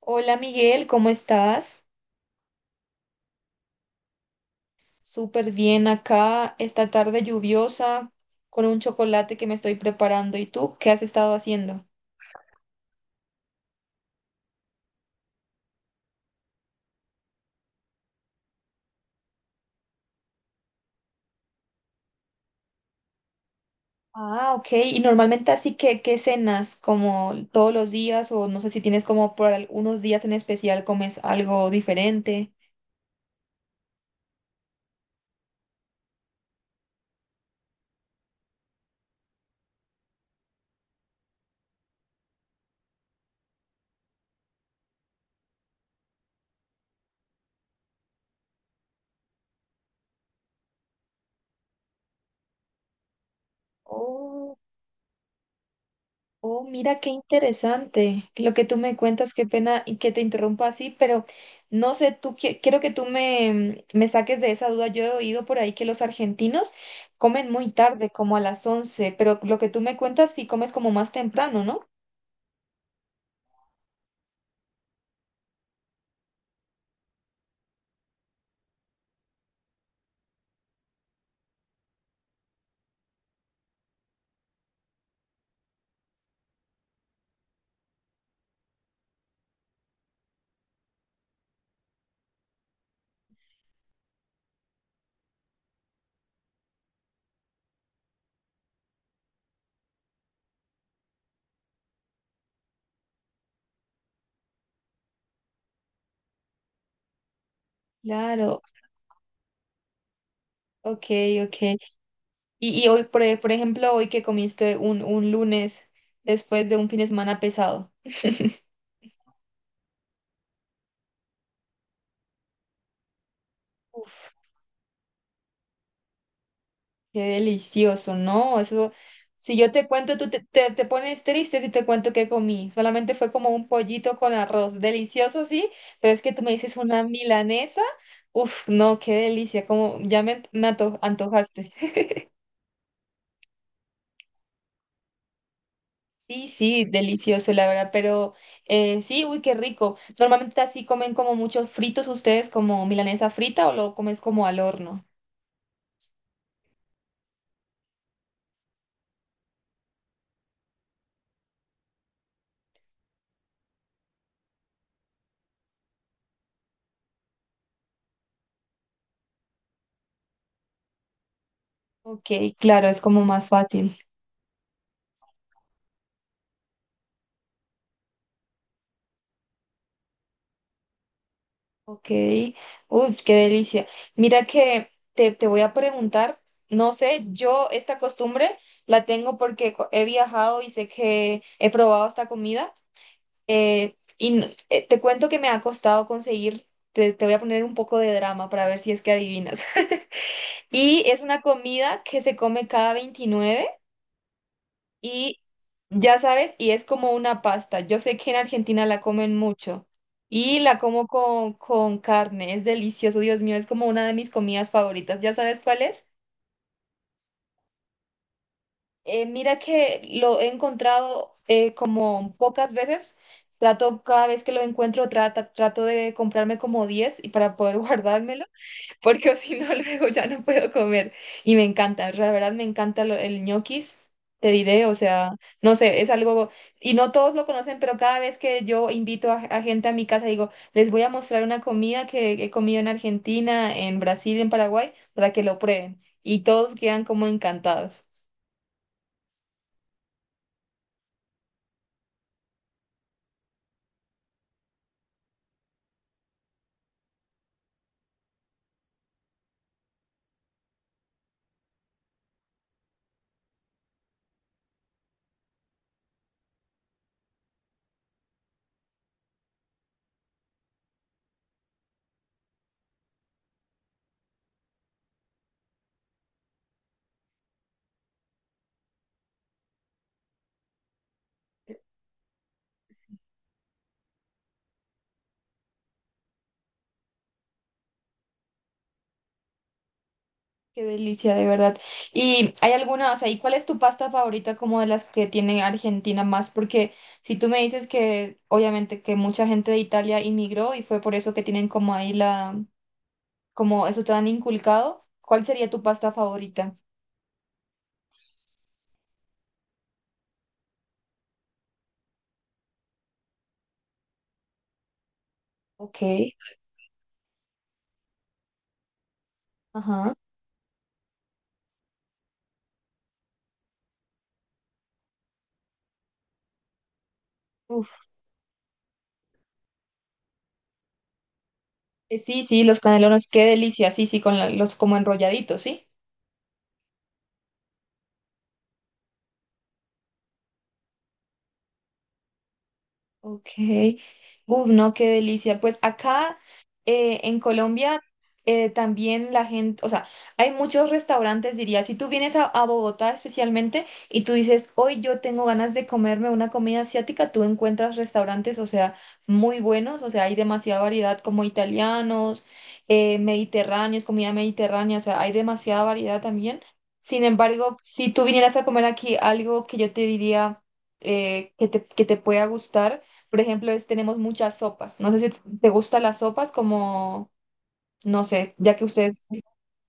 Hola Miguel, ¿cómo estás? Súper bien acá, esta tarde lluviosa, con un chocolate que me estoy preparando. ¿Y tú qué has estado haciendo? Ah, ok. ¿Y normalmente así que qué cenas? ¿Como todos los días? O no sé si tienes como por algunos días en especial comes algo diferente. Oh. Oh, mira qué interesante lo que tú me cuentas, qué pena y que te interrumpa así, pero no sé, tú quiero que tú me saques de esa duda. Yo he oído por ahí que los argentinos comen muy tarde, como a las once, pero lo que tú me cuentas, sí comes como más temprano, ¿no? Claro, ok, ok. Y hoy, por ejemplo, hoy que comiste un lunes después de un fin de semana pesado. Uf. Qué delicioso, ¿no? Eso, si yo te cuento, tú te pones triste si te cuento qué comí. Solamente fue como un pollito con arroz, delicioso, sí, pero es que tú me dices una milanesa. Uf, no, qué delicia, como ya me antojaste. Sí, sí, delicioso, la verdad, pero sí, uy, qué rico. Normalmente así comen como muchos fritos ustedes, como milanesa frita o lo comes como al horno. Ok, claro, es como más fácil. Ok, uy, qué delicia. Mira que te voy a preguntar, no sé, yo esta costumbre la tengo porque he viajado y sé que he probado esta comida y te cuento que me ha costado conseguir, te voy a poner un poco de drama para ver si es que adivinas. Y es una comida que se come cada 29. Y ya sabes, y es como una pasta. Yo sé que en Argentina la comen mucho y la como con, carne. Es delicioso, Dios mío, es como una de mis comidas favoritas. ¿Ya sabes cuál es? Mira que lo he encontrado como pocas veces. Trato, cada vez que lo encuentro, trato de comprarme como 10 y para poder guardármelo porque o si no luego ya no puedo comer. Y me encanta, la verdad me encanta el ñoquis, te diré, o sea, no sé, es algo, y no todos lo conocen, pero cada vez que yo invito a gente a mi casa, digo, les voy a mostrar una comida que he comido en Argentina, en Brasil, en Paraguay, para que lo prueben. Y todos quedan como encantados. Qué delicia, de verdad. ¿Y hay alguna, o sea, y cuál es tu pasta favorita, como de las que tiene Argentina más? Porque si tú me dices que obviamente que mucha gente de Italia inmigró y fue por eso que tienen como ahí la, como eso te han inculcado, ¿cuál sería tu pasta favorita? Ok, ajá. Uf, sí, sí, los canelones, qué delicia, sí, sí, con los como enrolladitos, ¿sí? Ok. Uf, no, qué delicia. Pues acá en Colombia también la gente, o sea, hay muchos restaurantes, diría. Si tú vienes a Bogotá especialmente, y tú dices, hoy yo tengo ganas de comerme una comida asiática, tú encuentras restaurantes, o sea, muy buenos, o sea, hay demasiada variedad, como italianos, mediterráneos, comida mediterránea, o sea, hay demasiada variedad también. Sin embargo, si tú vinieras a comer aquí algo que yo te diría que que te pueda gustar, por ejemplo, es, tenemos muchas sopas. No sé si te gustan las sopas como, no sé, ya que ustedes,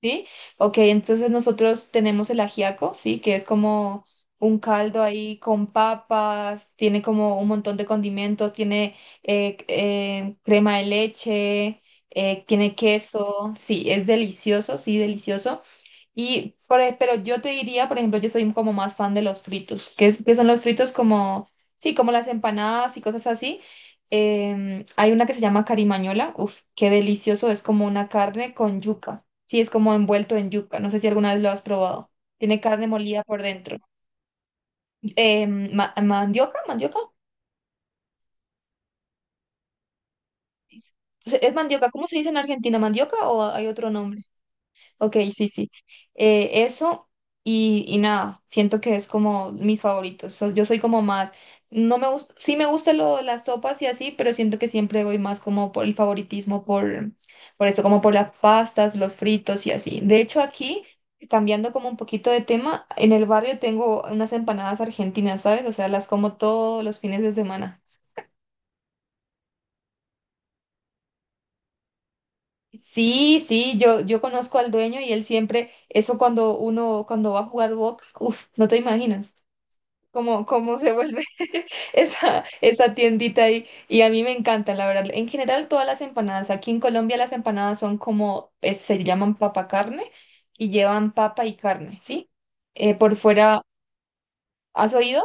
¿sí? Ok, entonces nosotros tenemos el ajiaco, ¿sí? Que es como un caldo ahí con papas, tiene como un montón de condimentos, tiene crema de leche, tiene queso, sí, es delicioso, sí, delicioso. Pero yo te diría, por ejemplo, yo soy como más fan de los fritos, que son los fritos como, sí, como las empanadas y cosas así. Hay una que se llama carimañola, uf, qué delicioso, es como una carne con yuca, sí, es como envuelto en yuca, no sé si alguna vez lo has probado, tiene carne molida por dentro. ¿Mandioca? ¿Mandioca? ¿Es mandioca? ¿Cómo se dice en Argentina? ¿Mandioca o hay otro nombre? Ok, sí, sí. Eso y nada, siento que es como mis favoritos. Yo soy como más, no me gusta, sí me gustan las sopas y así, pero siento que siempre voy más como por el favoritismo, por, eso, como por las pastas, los fritos y así. De hecho, aquí, cambiando como un poquito de tema, en el barrio tengo unas empanadas argentinas, ¿sabes? O sea, las como todos los fines de semana. Sí, sí, yo conozco al dueño y él siempre, eso cuando uno, cuando va a jugar Boca, uff, no te imaginas cómo se vuelve esa tiendita ahí. Y a mí me encanta, la verdad. En general, todas las empanadas. Aquí en Colombia las empanadas son como, se llaman papa carne y llevan papa y carne, ¿sí? Por fuera, ¿has oído?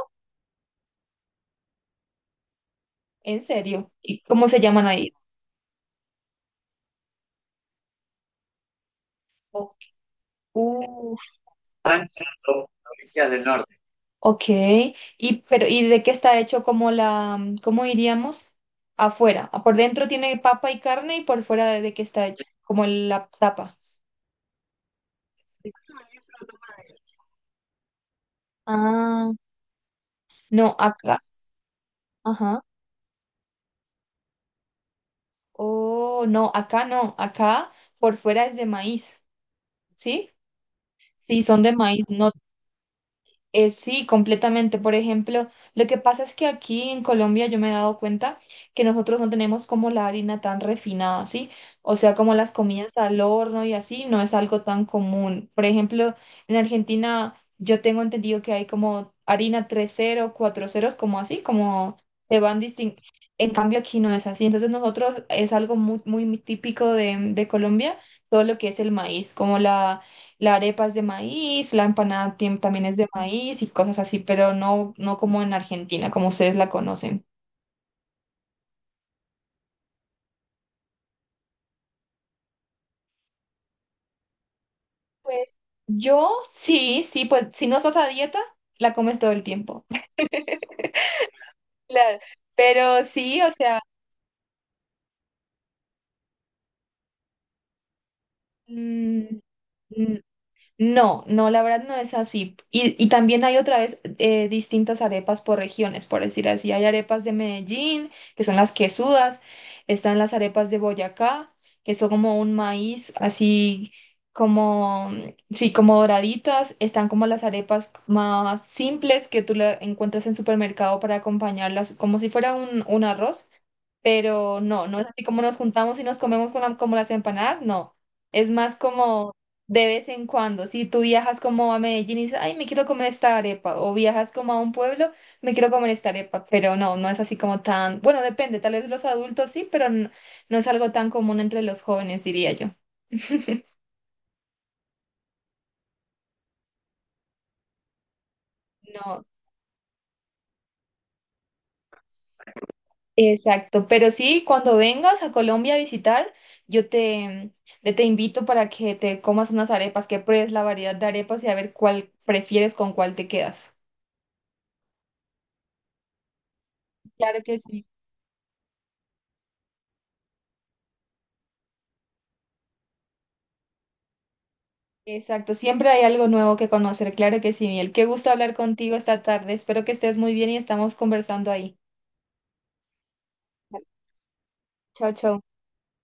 ¿En serio? ¿Y cómo se llaman ahí? O- Uf, ok. Y, pero, ¿y de qué está hecho como la, cómo diríamos? Afuera. Ah, por dentro tiene papa y carne y por fuera de, qué está hecho, como la tapa. Ah, no, acá. Ajá. Oh, no, acá no, acá por fuera es de maíz, ¿sí? Sí, son de maíz, no. Sí, completamente. Por ejemplo, lo que pasa es que aquí en Colombia yo me he dado cuenta que nosotros no tenemos como la harina tan refinada, ¿sí? O sea, como las comidas al horno y así, no es algo tan común. Por ejemplo, en Argentina yo tengo entendido que hay como harina tres 0 cuatro 0, como así, como se van distinguiendo. En cambio, aquí no es así. Entonces, nosotros es algo muy, muy típico de Colombia, todo lo que es el maíz, como la arepa es de maíz, la empanada también es de maíz y cosas así, pero no, no como en Argentina, como ustedes la conocen. Pues yo sí, sí, pues si no estás a dieta, la comes todo el tiempo. Claro. Pero sí, o sea, mm, mm, no, no, la verdad no es así. Y también hay otra vez distintas arepas por regiones, por decir así. Hay arepas de Medellín, que son las quesudas, están las arepas de Boyacá, que son como un maíz así como, sí, como doraditas. Están como las arepas más simples que tú la encuentras en supermercado para acompañarlas, como si fuera un arroz, pero no, no es así como nos juntamos y nos comemos con como las empanadas, no. Es más como de vez en cuando. Si tú viajas como a Medellín y dices, ay, me quiero comer esta arepa, o viajas como a un pueblo, me quiero comer esta arepa, pero no, no es así como tan, bueno, depende, tal vez los adultos sí, pero no, es algo tan común entre los jóvenes, diría yo. No. Exacto, pero sí, cuando vengas a Colombia a visitar, yo te, te invito para que te comas unas arepas, que pruebes la variedad de arepas y a ver cuál prefieres, con cuál te quedas. Claro que sí, exacto, siempre hay algo nuevo que conocer, claro que sí, Miguel. Qué gusto hablar contigo esta tarde, espero que estés muy bien y estamos conversando ahí. Chao, chao.